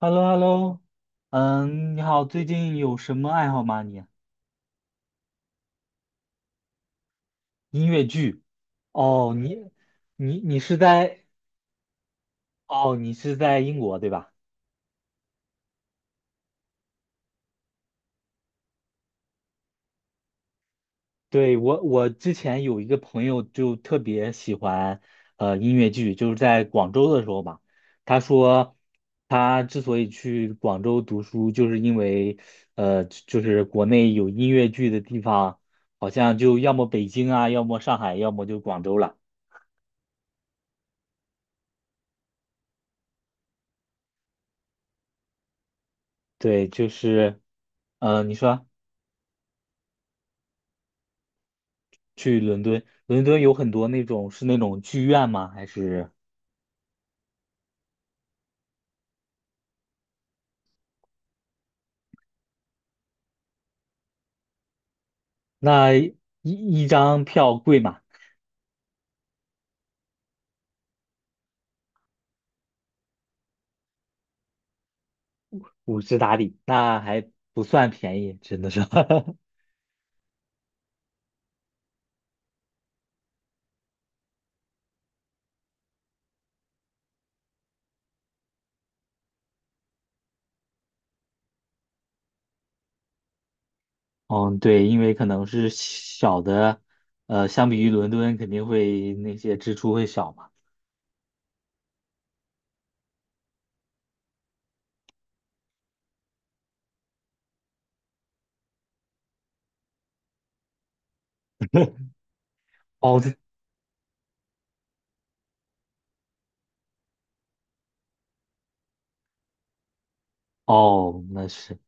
h e l l o h e l l o 嗯，你好，最近有什么爱好吗你？音乐剧？哦，你是在。哦，你是在英国对吧？对，我之前有一个朋友就特别喜欢音乐剧，就是在广州的时候吧。他说他之所以去广州读书，就是因为就是国内有音乐剧的地方，好像就要么北京啊，要么上海，要么就广州了。对，就是，你说。去伦敦，伦敦有很多那种是那种剧院吗？还是那一张票贵嘛？50打底。那还不算便宜，真的是。嗯，对，因为可能是小的，相比于伦敦肯定会那些支出会小嘛。哦，对。哦，那是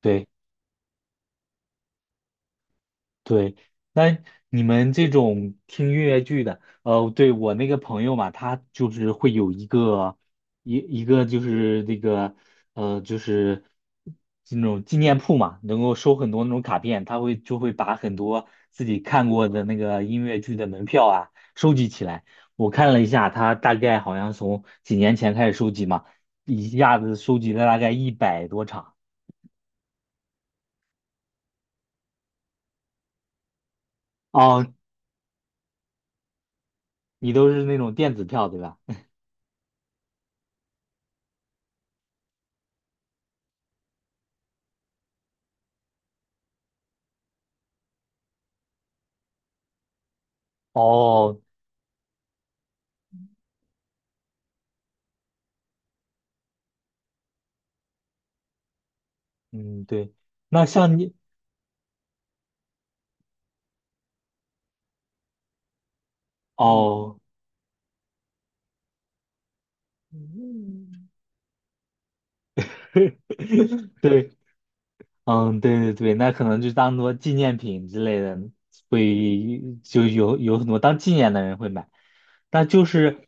对。对，那你们这种听音乐剧的，对我那个朋友嘛，他就是会有一个就是那个就是那种纪念铺嘛，能够收很多那种卡片，他会就会把很多自己看过的那个音乐剧的门票啊收集起来。我看了一下，他大概好像从几年前开始收集嘛，一下子收集了大概100多场。哦，你都是那种电子票对吧？哦，嗯，对，那像你嗯。哦，对。嗯，对对对，那可能就当做纪念品之类的，会就有很多当纪念的人会买。但就是，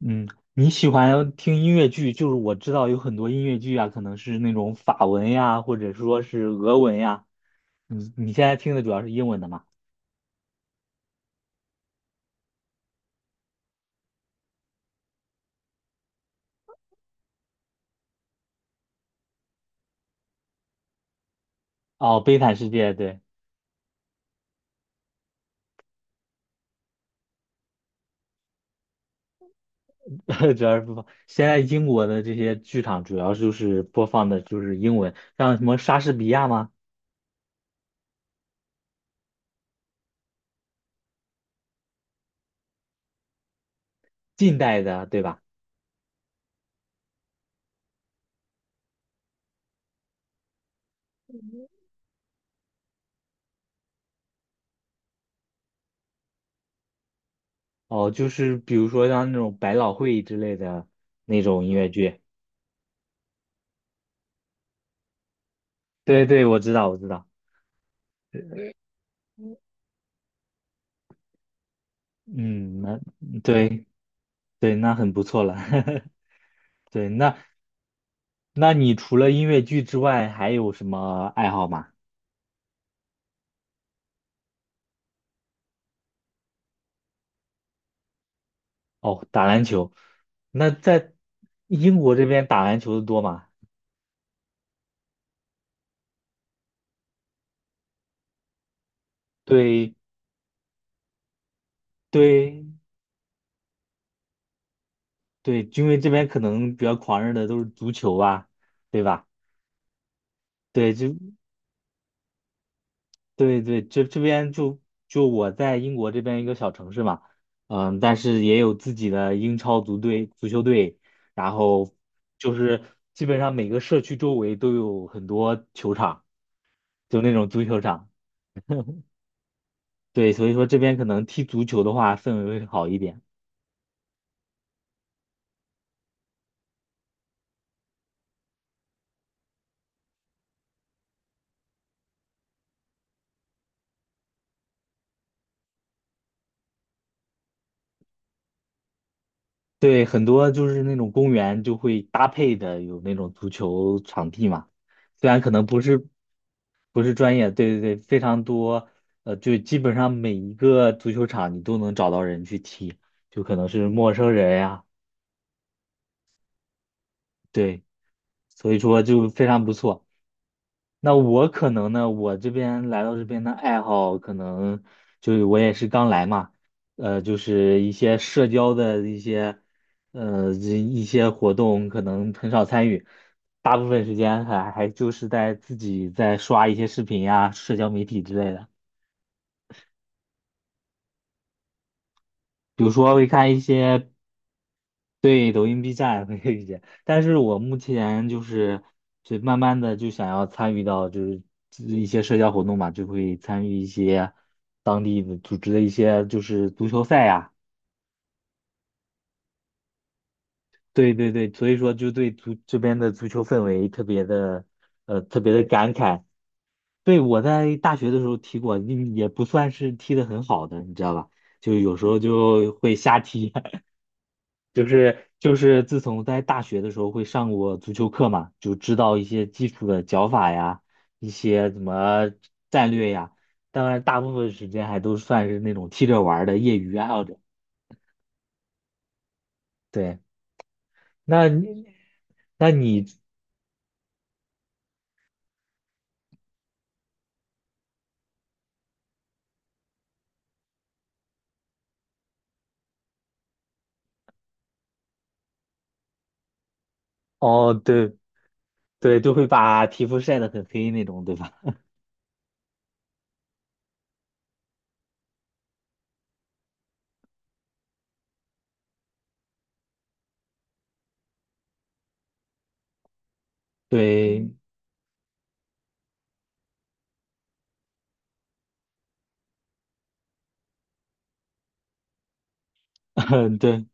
嗯，你喜欢听音乐剧，就是我知道有很多音乐剧啊，可能是那种法文呀，或者说是俄文呀。你现在听的主要是英文的嘛？哦，《悲惨世界》对。主要是播放。现在英国的这些剧场主要就是播放的就是英文，像什么莎士比亚吗？近代的，对吧？哦，就是比如说像那种百老汇之类的那种音乐剧。对对，我知道，我知道。嗯，那对对，那很不错了。对，那你除了音乐剧之外，还有什么爱好吗？哦，打篮球。那在英国这边打篮球的多吗？对对对，因为这边可能比较狂热的都是足球啊，对吧？对，就对对，这边就我在英国这边一个小城市嘛。嗯，但是也有自己的英超足球队，然后就是基本上每个社区周围都有很多球场，就那种足球场。对，所以说这边可能踢足球的话氛围会好一点。对，很多就是那种公园就会搭配的有那种足球场地嘛。虽然可能不是专业，对对对，非常多。就基本上每一个足球场你都能找到人去踢，就可能是陌生人呀。对，所以说就非常不错。那我可能呢，我这边来到这边的爱好，可能就是我也是刚来嘛。就是一些社交的一些，这一些活动可能很少参与，大部分时间还就是在自己在刷一些视频呀、社交媒体之类的。比如说会看一些。对，抖音、B 站会遇见，但是我目前就是，就慢慢的就想要参与到就是一些社交活动嘛，就会参与一些当地的组织的一些就是足球赛呀。对对对，所以说就对这边的足球氛围特别的，特别的感慨。对，我在大学的时候踢过，嗯也不算是踢得很好的，你知道吧？就有时候就会瞎踢。就是自从在大学的时候会上过足球课嘛，就知道一些基础的脚法呀，一些怎么战略呀。当然，大部分时间还都算是那种踢着玩儿的业余爱好者。对，那你那你哦，对对，都会把皮肤晒得很黑那种，对吧？对，对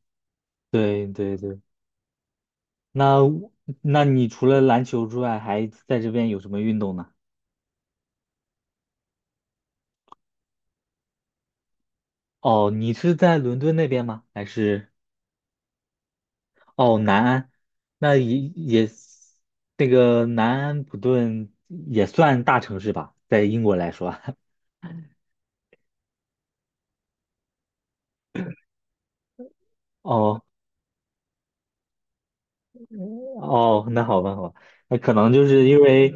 对对对。那那你除了篮球之外，还在这边有什么运动呢？哦，你是在伦敦那边吗？还是？哦，南安。那也那个南安普顿也算大城市吧，在英国来说。哦哦，那好吧，好吧。那可能就是因为，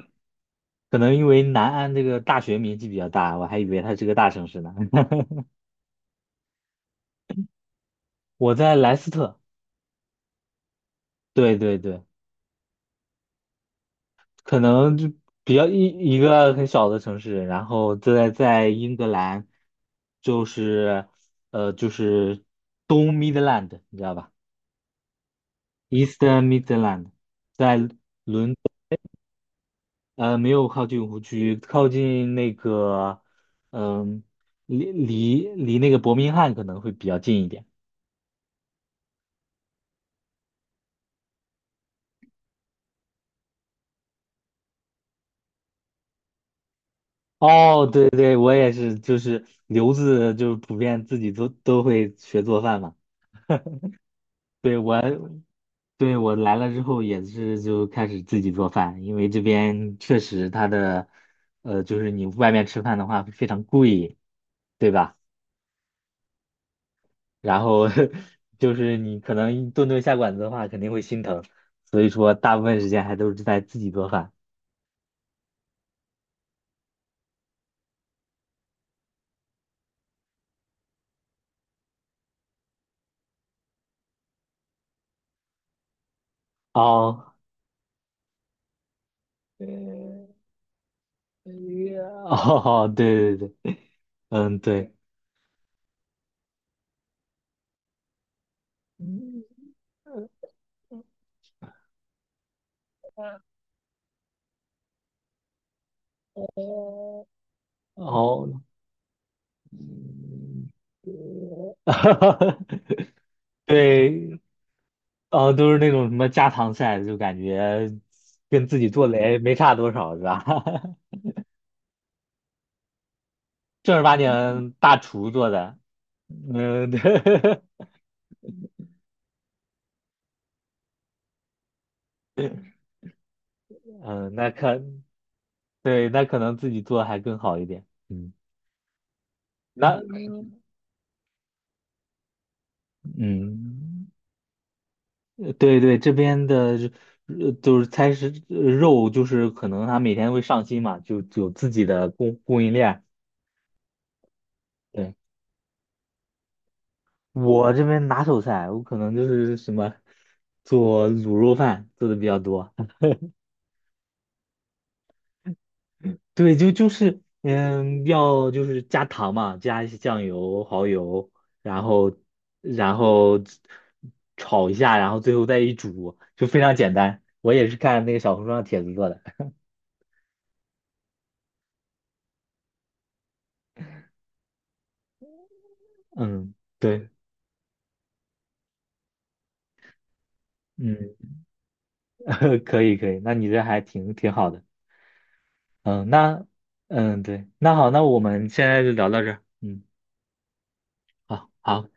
可能因为南安这个大学名气比较大，我还以为它是个大城市呢。我在莱斯特，对对对。可能就比较一个很小的城市，然后在英格兰，就是就是东 Midland，你知道吧？Eastern Midland，在没有靠近湖区，靠近那个嗯、离那个伯明翰可能会比较近一点。哦，对对，我也是，就是留子就是普遍自己都会学做饭嘛。对我对我来了之后也是就开始自己做饭，因为这边确实它的就是你外面吃饭的话会非常贵，对吧？然后 就是你可能顿顿下馆子的话，肯定会心疼，所以说大部分时间还都是在自己做饭。哦，呃，哦，对对对，嗯，对。哦，对。哦，都是那种什么家常菜，就感觉跟自己做的也没差多少，是吧？正儿八经大厨做的，嗯，对。嗯，那可，对，那可能自己做还更好一点，嗯。那嗯，对对，这边的就是菜是肉，就是可能他每天会上新嘛，就有自己的供应链。对，我这边拿手菜，我可能就是什么做卤肉饭做的比较多。对，就是嗯，要就是加糖嘛，加一些酱油、蚝油，然后然后炒一下，然后最后再一煮，就非常简单。我也是看那个小红书上帖子做的。嗯，对。嗯，可以可以，那你这还挺好的。嗯，那嗯对，那好，那我们现在就聊到这儿嗯。好好。